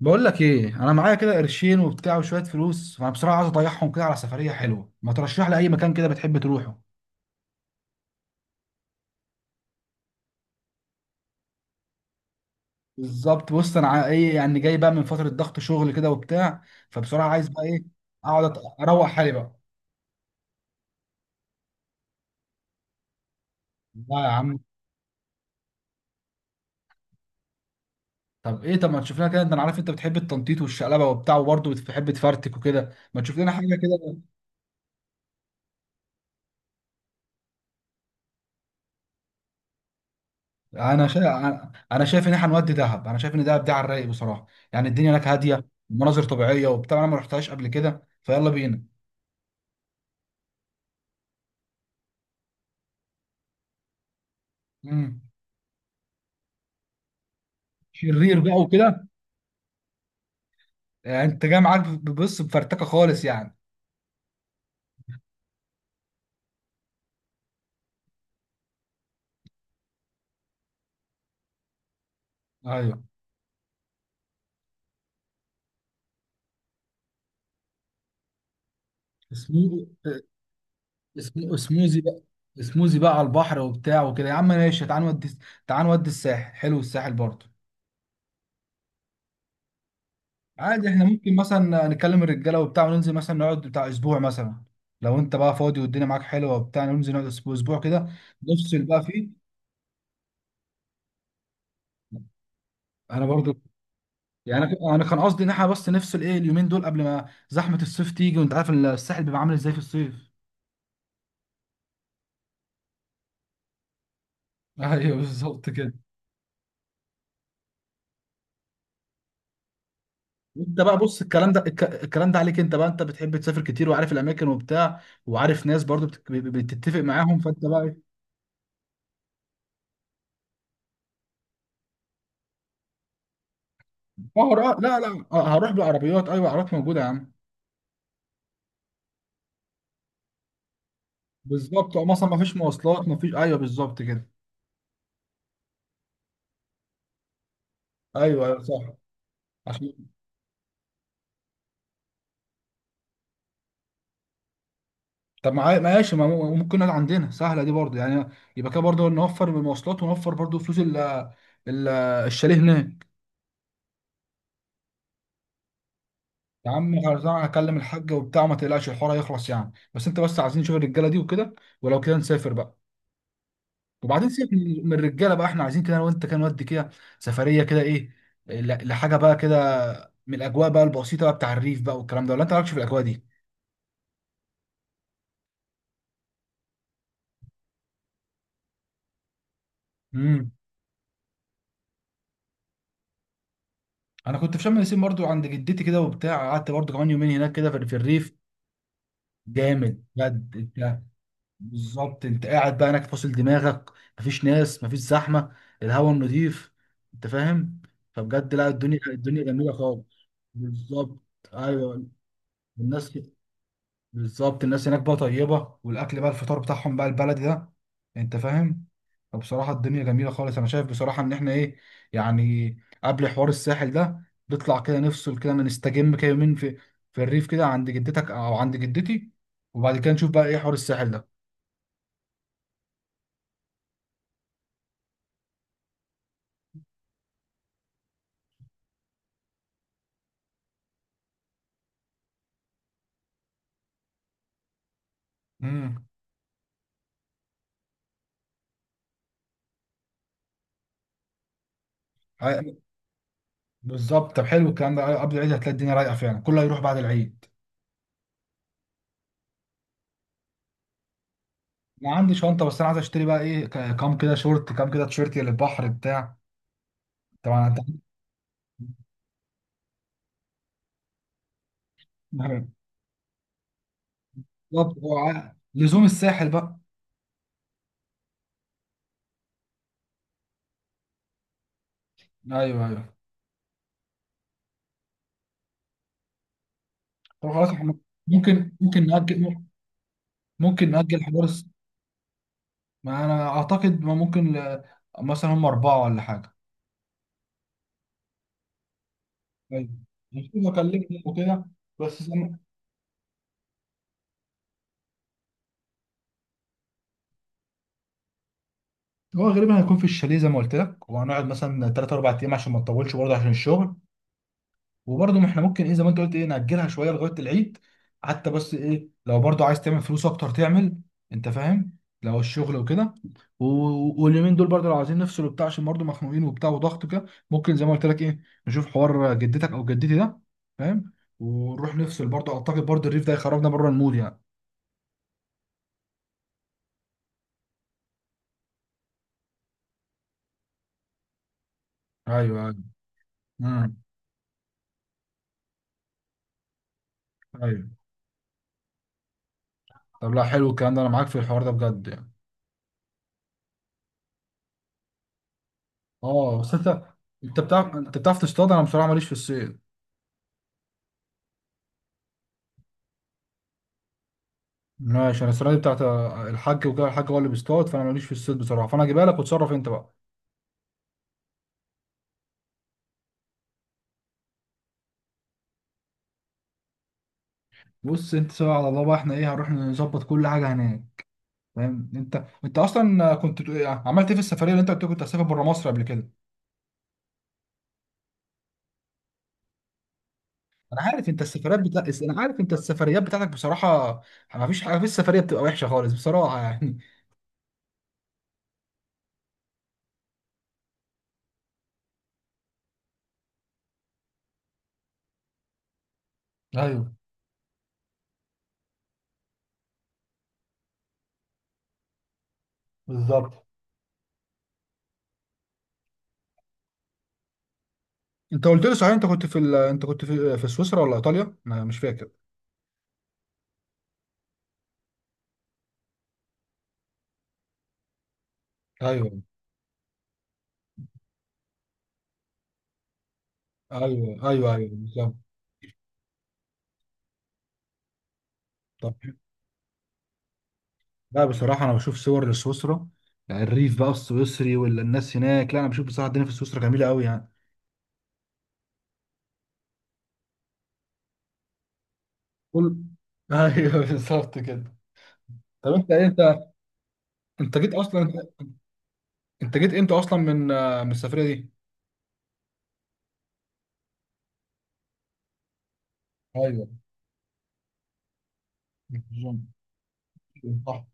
بقول لك ايه، انا معايا كده قرشين وبتاع وشويه فلوس، فانا بصراحه عايز اضيعهم كده على سفريه حلوه. ما ترشح لي اي مكان كده بتحب تروحه؟ بالظبط. بص انا ايه يعني، جاي بقى من فتره ضغط شغل كده وبتاع، فبصراحه عايز بقى ايه، اقعد اروق حالي بقى. لا يا عم. طب ايه؟ طب ما تشوف لنا كده. انت انا عارف انت بتحب التنطيط والشقلبه وبتاع، وبرضه بتحب تفرتك وكده، ما تشوف لنا حاجه كده. انا شايف، انا شايف ان احنا نودي دهب. انا شايف ان دهب دي على الرايق بصراحه. يعني الدنيا هناك هاديه، مناظر طبيعيه وبتاع، انا ما رحتهاش قبل كده، فيلا بينا. مم. شرير بقى وكده. يعني انت جاي معاك؟ بص بفرتكه خالص يعني. ايوه. اسمه، اسمه اسموزي بقى، اسموزي بقى على البحر وبتاع وكده. يا عم ماشي، تعال نودي، تعال نودي الساحل، حلو الساحل برضه. عادي، احنا ممكن مثلا نكلم الرجاله وبتاع وننزل مثلا نقعد بتاع اسبوع مثلا. لو انت بقى فاضي والدنيا معاك حلوه وبتاع، ننزل نقعد اسبوع، اسبوع كده، نفصل بقى فيه. انا برضو يعني، انا كان قصدي ان احنا بس نفصل ايه اليومين دول قبل ما زحمه الصيف تيجي، وانت عارف الساحل بيبقى عامل ازاي في الصيف. ايوه بالظبط كده. انت بقى بص، الكلام ده عليك انت بقى، انت بتحب تسافر كتير وعارف الاماكن وبتاع، وعارف ناس برضو بتتفق معاهم، فانت بقى ايه؟ اه، لا لا لا، اه هروح بالعربيات، ايوه عربيات موجوده يا عم. بالظبط، اه مثلا ما فيش مواصلات، ما فيش، ايوه بالظبط كده. ايوه ايوه صح. عشان، طب معايا ماشي، ما ممكن نقعد عندنا سهله دي برضو يعني، يبقى كده برضو نوفر من المواصلات، ونوفر برضو فلوس ال- الشاليه هناك. يا عم خلصانة، هكلم الحاجه وبتاع، ما تقلقش الحوار هيخلص يعني، بس انت، بس عايزين نشوف الرجاله دي وكده، ولو كده نسافر بقى. وبعدين سيبك من الرجاله بقى، احنا عايزين كده انا وانت كده نودي كده، سفريه كده ايه، لحاجه بقى كده، من الاجواء بقى البسيطه بقى، بتاع الريف بقى والكلام ده. ولا انت مالكش في الاجواء دي؟ امم. انا كنت في شم النسيم برضو عند جدتي كده وبتاع، قعدت برضو كمان يومين هناك كده، في الريف. جامد بجد انت. بالظبط. انت قاعد بقى هناك فاصل دماغك، مفيش ناس، مفيش زحمه، الهواء النضيف، انت فاهم؟ فبجد لا، الدنيا، الدنيا جميله خالص. بالظبط. ايوه. الناس، بالظبط، الناس هناك بقى طيبة، والأكل بقى، الفطار بتاعهم بقى البلدي ده، أنت فاهم؟ فبصراحة الدنيا جميلة خالص. أنا شايف بصراحة إن إحنا إيه يعني، قبل حوار الساحل ده، نطلع كده نفصل كده نستجم كده يومين في الريف كده عند جدتك أو عند جدتي، وبعد كده نشوف بقى إيه حوار الساحل ده. امم. عي- بالظبط، طب حلو الكلام ده. قبل العيد هتلاقي الدنيا رايقة فعلا، كله هيروح بعد العيد. ما عندي شنطة، بس أنا عايز أشتري بقى إيه، كام كده شورت، كام كده تيشيرت للبحر بتاع، طبعا. أنت بالظبط، هو لزوم الساحل بقى. ايوه ايوه. طب خلاص احنا، ممكن نأجل، ممكن نأجل حوار ما انا اعتقد ما ممكن ل... مثلا هم اربعه ولا حاجه. ايوه. هشوف اكلمهم وكده، بس زي هو غالبا هيكون في الشاليه زي ما قلت لك، وهنقعد مثلا ثلاث اربع ايام عشان ما نطولش برضه عشان الشغل. وبرضه ما احنا ممكن ايه، زي ما انت قلت ايه، نأجلها شويه لغايه العيد حتى، بس ايه، لو برضه عايز تعمل فلوس اكتر تعمل، انت فاهم، لو الشغل وكده. واليومين دول برضه، لو عايزين نفصل وبتاع عشان برضه مخنوقين وبتاع وضغط كده، ممكن زي ما قلت لك ايه، نشوف حوار جدتك او جدتي ده، فاهم؟ ونروح نفصل برضه. اعتقد برضه الريف ده يخرجنا بره المود يعني. ايوه ايوه. امم. ايوه. طب لا، حلو الكلام ده، انا معاك في الحوار ده بجد يعني. اه، بس انت، انت بتعرف، انت بتعرف تصطاد، انا بصراحه ماليش في الصيد. ماشي، انا السنه دي بتاعت الحاج وكده، الحاج هو اللي بيصطاد، فانا ماليش في الصيد بصراحه، فانا هجيبها لك وتصرف انت بقى. بص انت، سوا على الله بقى، احنا ايه هنروح نظبط كل حاجه هناك، فاهم؟ انت انت اصلا كنت عملت ايه في السفريه اللي انت قلت كنت هتسافر بره مصر قبل كده؟ انا عارف انت السفريات بتاع، انا عارف انت السفريات بتاعتك بصراحه، ما فيش حاجه في السفريه بتبقى وحشه خالص بصراحه يعني. ايوه بالظبط. انت قلت لي صحيح، انت كنت في ال... انت كنت في في سويسرا ولا ايطاليا، انا مش فاكر. ايوه ايوه ايوه ايوه بالظبط. طب لا، بصراحة أنا بشوف صور لسويسرا، يعني الريف بقى السويسري والناس هناك، لا أنا بشوف بصراحة الدنيا في سويسرا جميلة أوي يعني. قول. أيوه بالظبط كده. طب أنت إيه، أنت، أنت جيت أصلا، أنت جيت إمتى أصلا من آه، من السفرية دي؟ ايوه بالظبط. صح.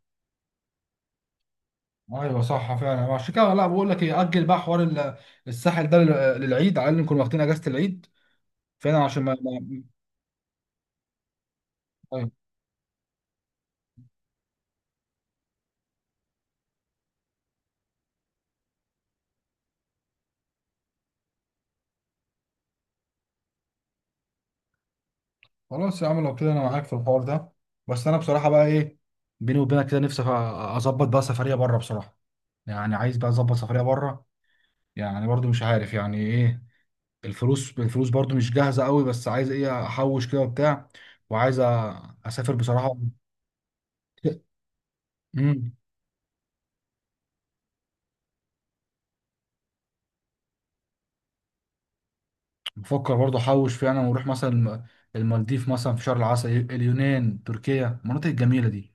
ايوه صح فعلا، عشان كده لا، بقول لك ايه، اجل بقى حوار الساحل ده للعيد، على الاقل نكون واخدين اجازه العيد فعلا، عشان طيب خلاص يا عم، لو كده انا معاك في الحوار ده. بس انا بصراحه بقى ايه، بيني وبينك كده، نفسي اظبط بقى سفريه بره بصراحه، يعني عايز بقى اظبط سفريه بره. يعني برضو مش عارف يعني ايه، الفلوس، الفلوس برضو مش جاهزه قوي، بس عايز ايه احوش كده وبتاع، وعايز اسافر بصراحه. امم. بفكر برضو احوش فيها انا واروح مثلا المالديف مثلا في شهر العسل، اليونان، تركيا، المناطق الجميله دي.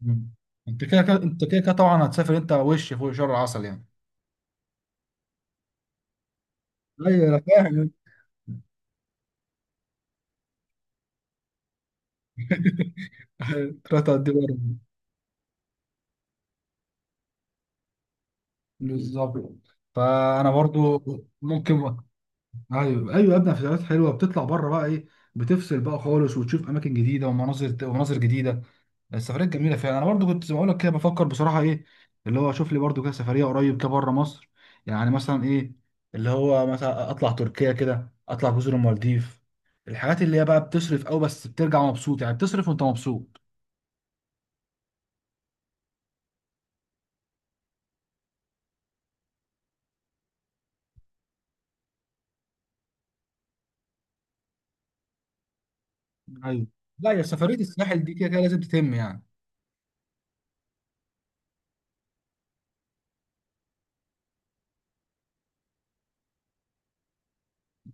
مم. انت كده كده، انت كده كده طبعا هتسافر انت وش فوق شهر العسل يعني. ايوه انا فاهم. ثلاثة قد برضه. بالظبط، فانا برضو ممكن. ايوه ايوه يا ابني، فيديوهات حلوه بتطلع بره بقى ايه، بتفصل بقى خالص، وتشوف اماكن جديده ومناظر، ومناظر جديده، السفريات جميله فعلا. انا برضو كنت زي ما اقول لك كده بفكر بصراحه ايه، اللي هو اشوف لي برضو كده سفريه قريب كده بره مصر، يعني مثلا ايه، اللي هو مثلا اطلع تركيا كده، اطلع جزر المالديف، الحاجات اللي هي بقى بتصرف قوي، بس بترجع مبسوط يعني، بتصرف وانت مبسوط. ايوه. لا يا، سفريه الساحل دي كده كده لازم تتم يعني.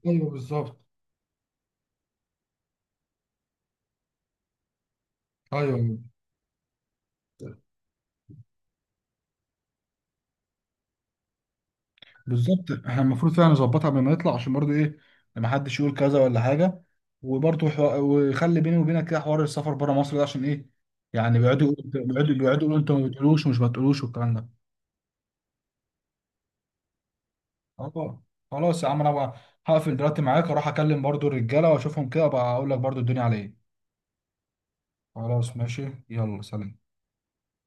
ايوه بالظبط. ايوه بالظبط، احنا المفروض فعلا نظبطها قبل ما نطلع، عشان برضو ايه، ما حدش يقول كذا ولا حاجه، وبرضو حو... ويخلي بيني وبينك كده حوار السفر بره مصر ده، عشان ايه يعني، بيقعدوا يقولوا انت ما بتقولوش ومش ما بتقولوش والكلام ده. اه خلاص يا عم، انا بقى هقفل دلوقتي معاك، اروح اكلم برضو الرجاله واشوفهم كده بقى، اقول لك برضو الدنيا على ايه. خلاص ماشي، يلا سلام.